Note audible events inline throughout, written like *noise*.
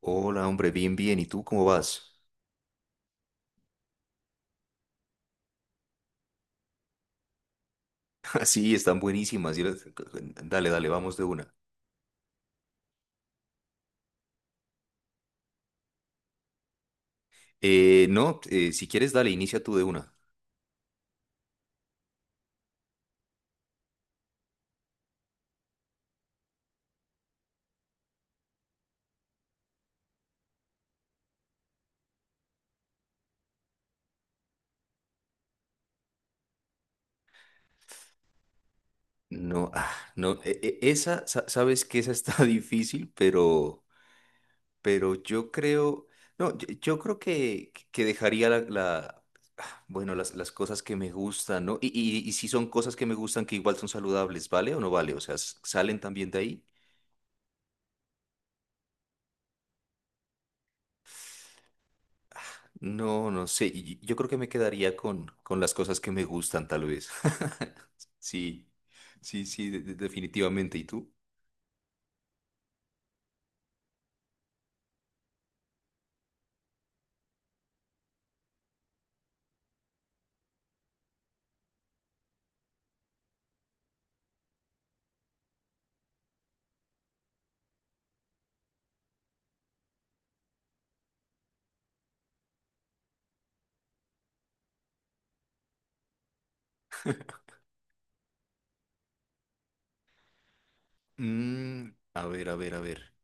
Hola, hombre, bien, bien. ¿Y tú cómo vas? *laughs* Sí, están buenísimas. Dale, dale, vamos de una. No, si quieres, dale, inicia tú de una. No, no, sabes que esa está *laughs* difícil, pero, yo creo, no, yo creo que, dejaría bueno, las cosas que me gustan, ¿no? Y si son cosas que me gustan que igual son saludables, ¿vale o no vale? O sea, ¿salen también de ahí? No, no sé. Yo creo que me quedaría con, las cosas que me gustan, tal vez. *laughs* Sí, sí, sí, definitivamente. ¿Y tú? Mm, a ver, a ver, a ver.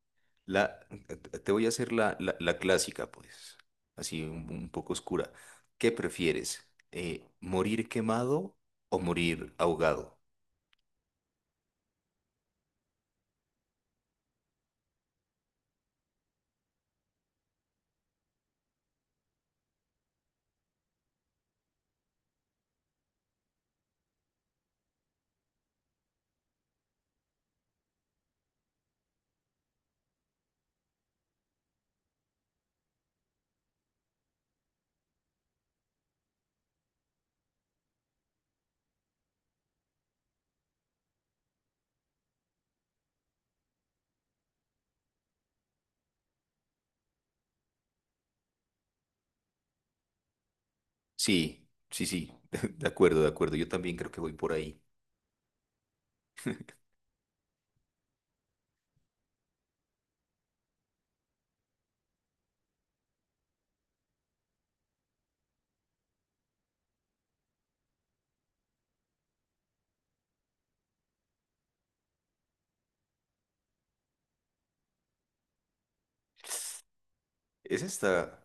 La, te voy a hacer la clásica, pues. Así un poco oscura. ¿Qué prefieres? ¿Morir quemado o morir ahogado? Sí, sí, sí. *laughs* De acuerdo, de acuerdo. Yo también creo que voy por ahí. Es esta.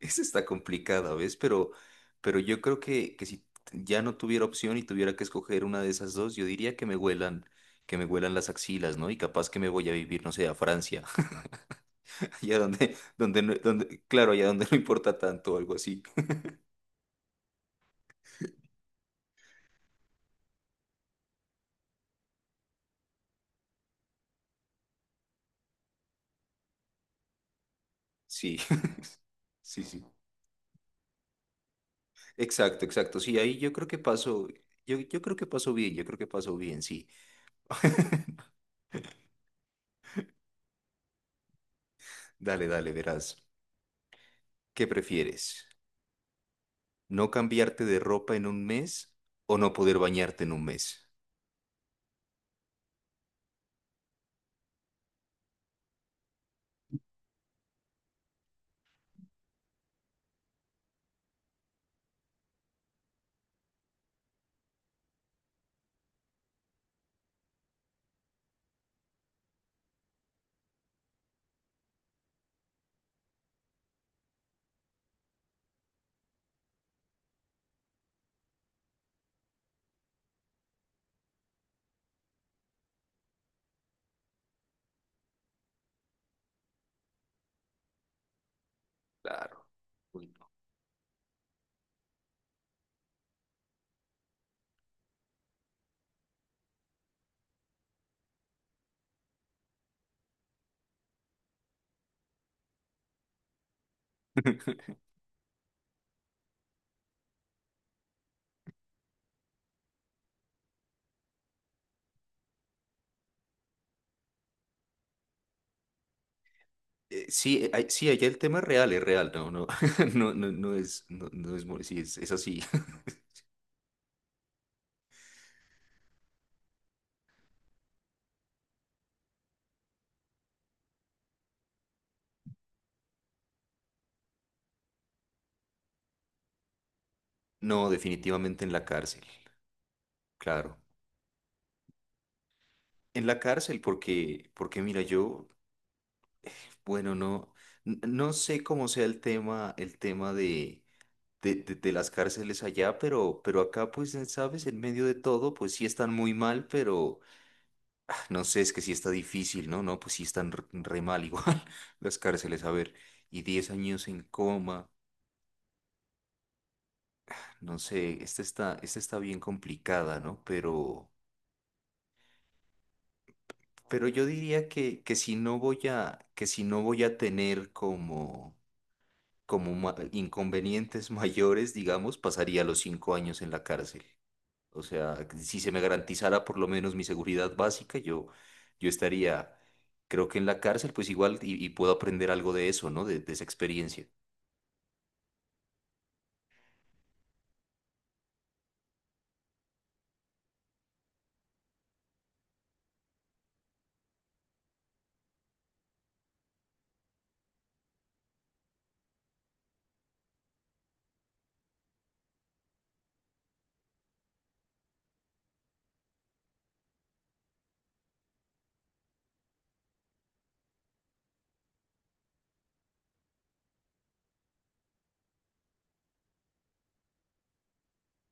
Esa está complicada, ¿ves? Pero, yo creo que, si ya no tuviera opción y tuviera que escoger una de esas dos, yo diría que me huelan las axilas, ¿no? Y capaz que me voy a vivir, no sé, a Francia, *laughs* allá donde, claro, allá donde no importa tanto, o algo así. Sí, *laughs* sí, sí. Exacto, exacto. Sí, ahí yo creo que paso, yo creo que paso bien, yo creo que paso bien, sí. *laughs* Dale, dale, verás. ¿Qué prefieres? ¿No cambiarte de ropa en un mes o no poder bañarte en un mes? Claro. Uy, no. *laughs* Sí, sí, allá el tema es real, no, no, *laughs* no, no, no es, no, no es, sí, es así. *laughs* No, definitivamente en la cárcel, claro. En la cárcel, porque, mira, yo, bueno, no, no sé cómo sea el tema, de, de las cárceles allá, pero, acá, pues, sabes, en medio de todo, pues sí están muy mal, pero, No sé, es que sí está difícil, ¿no? No, pues sí están re mal igual *laughs* las cárceles, a ver, y 10 años en coma, no sé, esta está bien complicada, ¿no? Pero, yo diría que si no voy a tener como inconvenientes *laughs* mayores, digamos, pasaría los 5 años en la cárcel. O sea, si se me garantizara por lo menos mi seguridad básica, yo estaría, creo que en la cárcel, pues igual, y puedo aprender algo de eso, ¿no? De esa experiencia.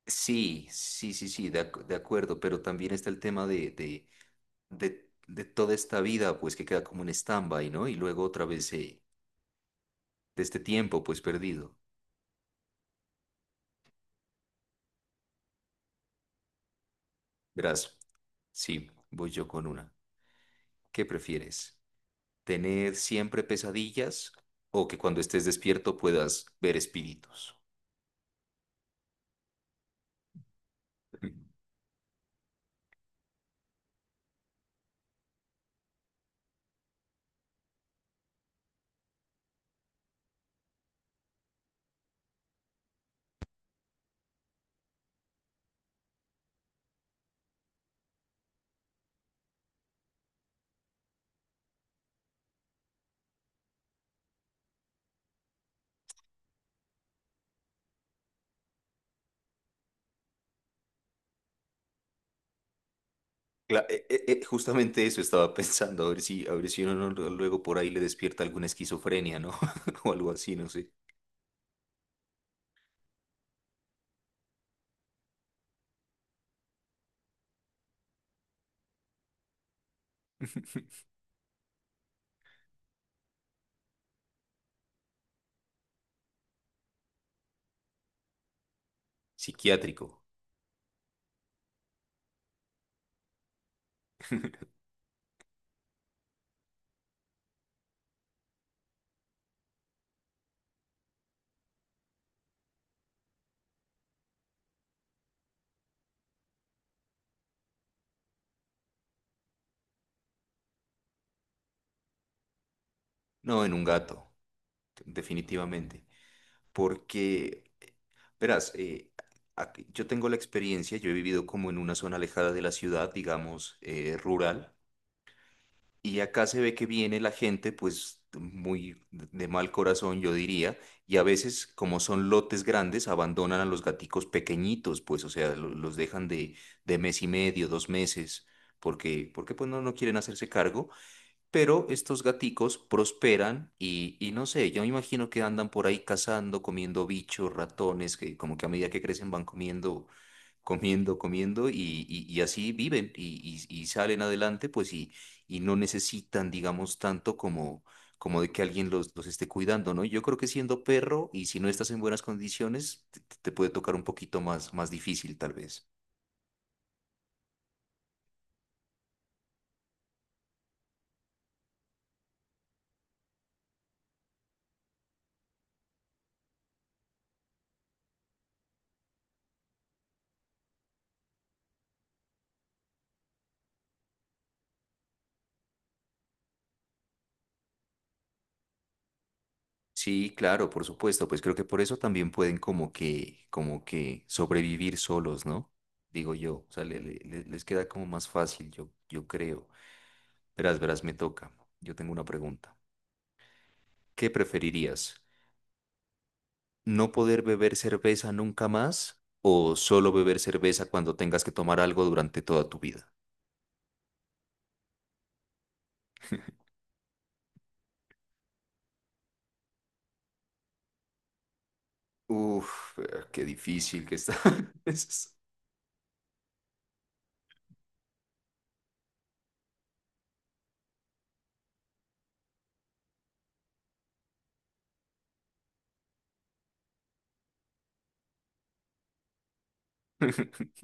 Sí, sí, sí, sí, de acuerdo, pero también está el tema de toda esta vida, pues que queda como en stand-by, ¿no? Y luego otra vez de este tiempo, pues perdido. Verás, sí, voy yo con una. ¿Qué prefieres? ¿Tener siempre pesadillas o que cuando estés despierto puedas ver espíritus? *laughs* Justamente eso estaba pensando, a ver si uno no, luego por ahí le despierta alguna esquizofrenia, ¿no? *laughs* O algo así, no sé. *laughs* Psiquiátrico. *laughs* No, en un gato, definitivamente. Porque, verás, yo tengo la experiencia, yo he vivido como en una zona alejada de la ciudad, digamos, rural. Y acá se ve que viene la gente, pues muy de mal corazón, yo diría, y a veces, como son lotes grandes, abandonan a los gaticos pequeñitos, pues, o sea, los dejan de mes y medio, 2 meses, porque, pues no, quieren hacerse cargo, pero estos gaticos prosperan y no sé, yo me imagino que andan por ahí cazando, comiendo bichos, ratones, que como que a medida que crecen van comiendo comiendo, comiendo y así viven y salen adelante, pues y no necesitan, digamos, tanto como de que alguien los esté cuidando, ¿no? Yo creo que siendo perro y si no estás en buenas condiciones, te puede tocar un poquito más, más difícil tal vez. Sí, claro, por supuesto, pues creo que por eso también pueden como que sobrevivir solos, ¿no? Digo yo, o sea, les queda como más fácil, yo creo. Verás, verás, me toca. Yo tengo una pregunta. ¿Qué preferirías? ¿No poder beber cerveza nunca más o solo beber cerveza cuando tengas que tomar algo durante toda tu vida? Uf, qué difícil que está. *laughs* Es *laughs*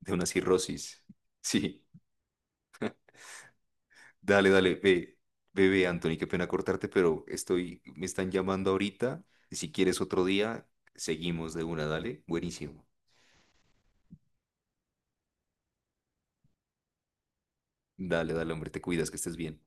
De una cirrosis. Sí, dale, dale, ve, bebé, Anthony, qué pena cortarte, pero me están llamando ahorita. Y si quieres otro día, seguimos de una, dale. Buenísimo. Dale, dale, hombre, te cuidas, que estés bien.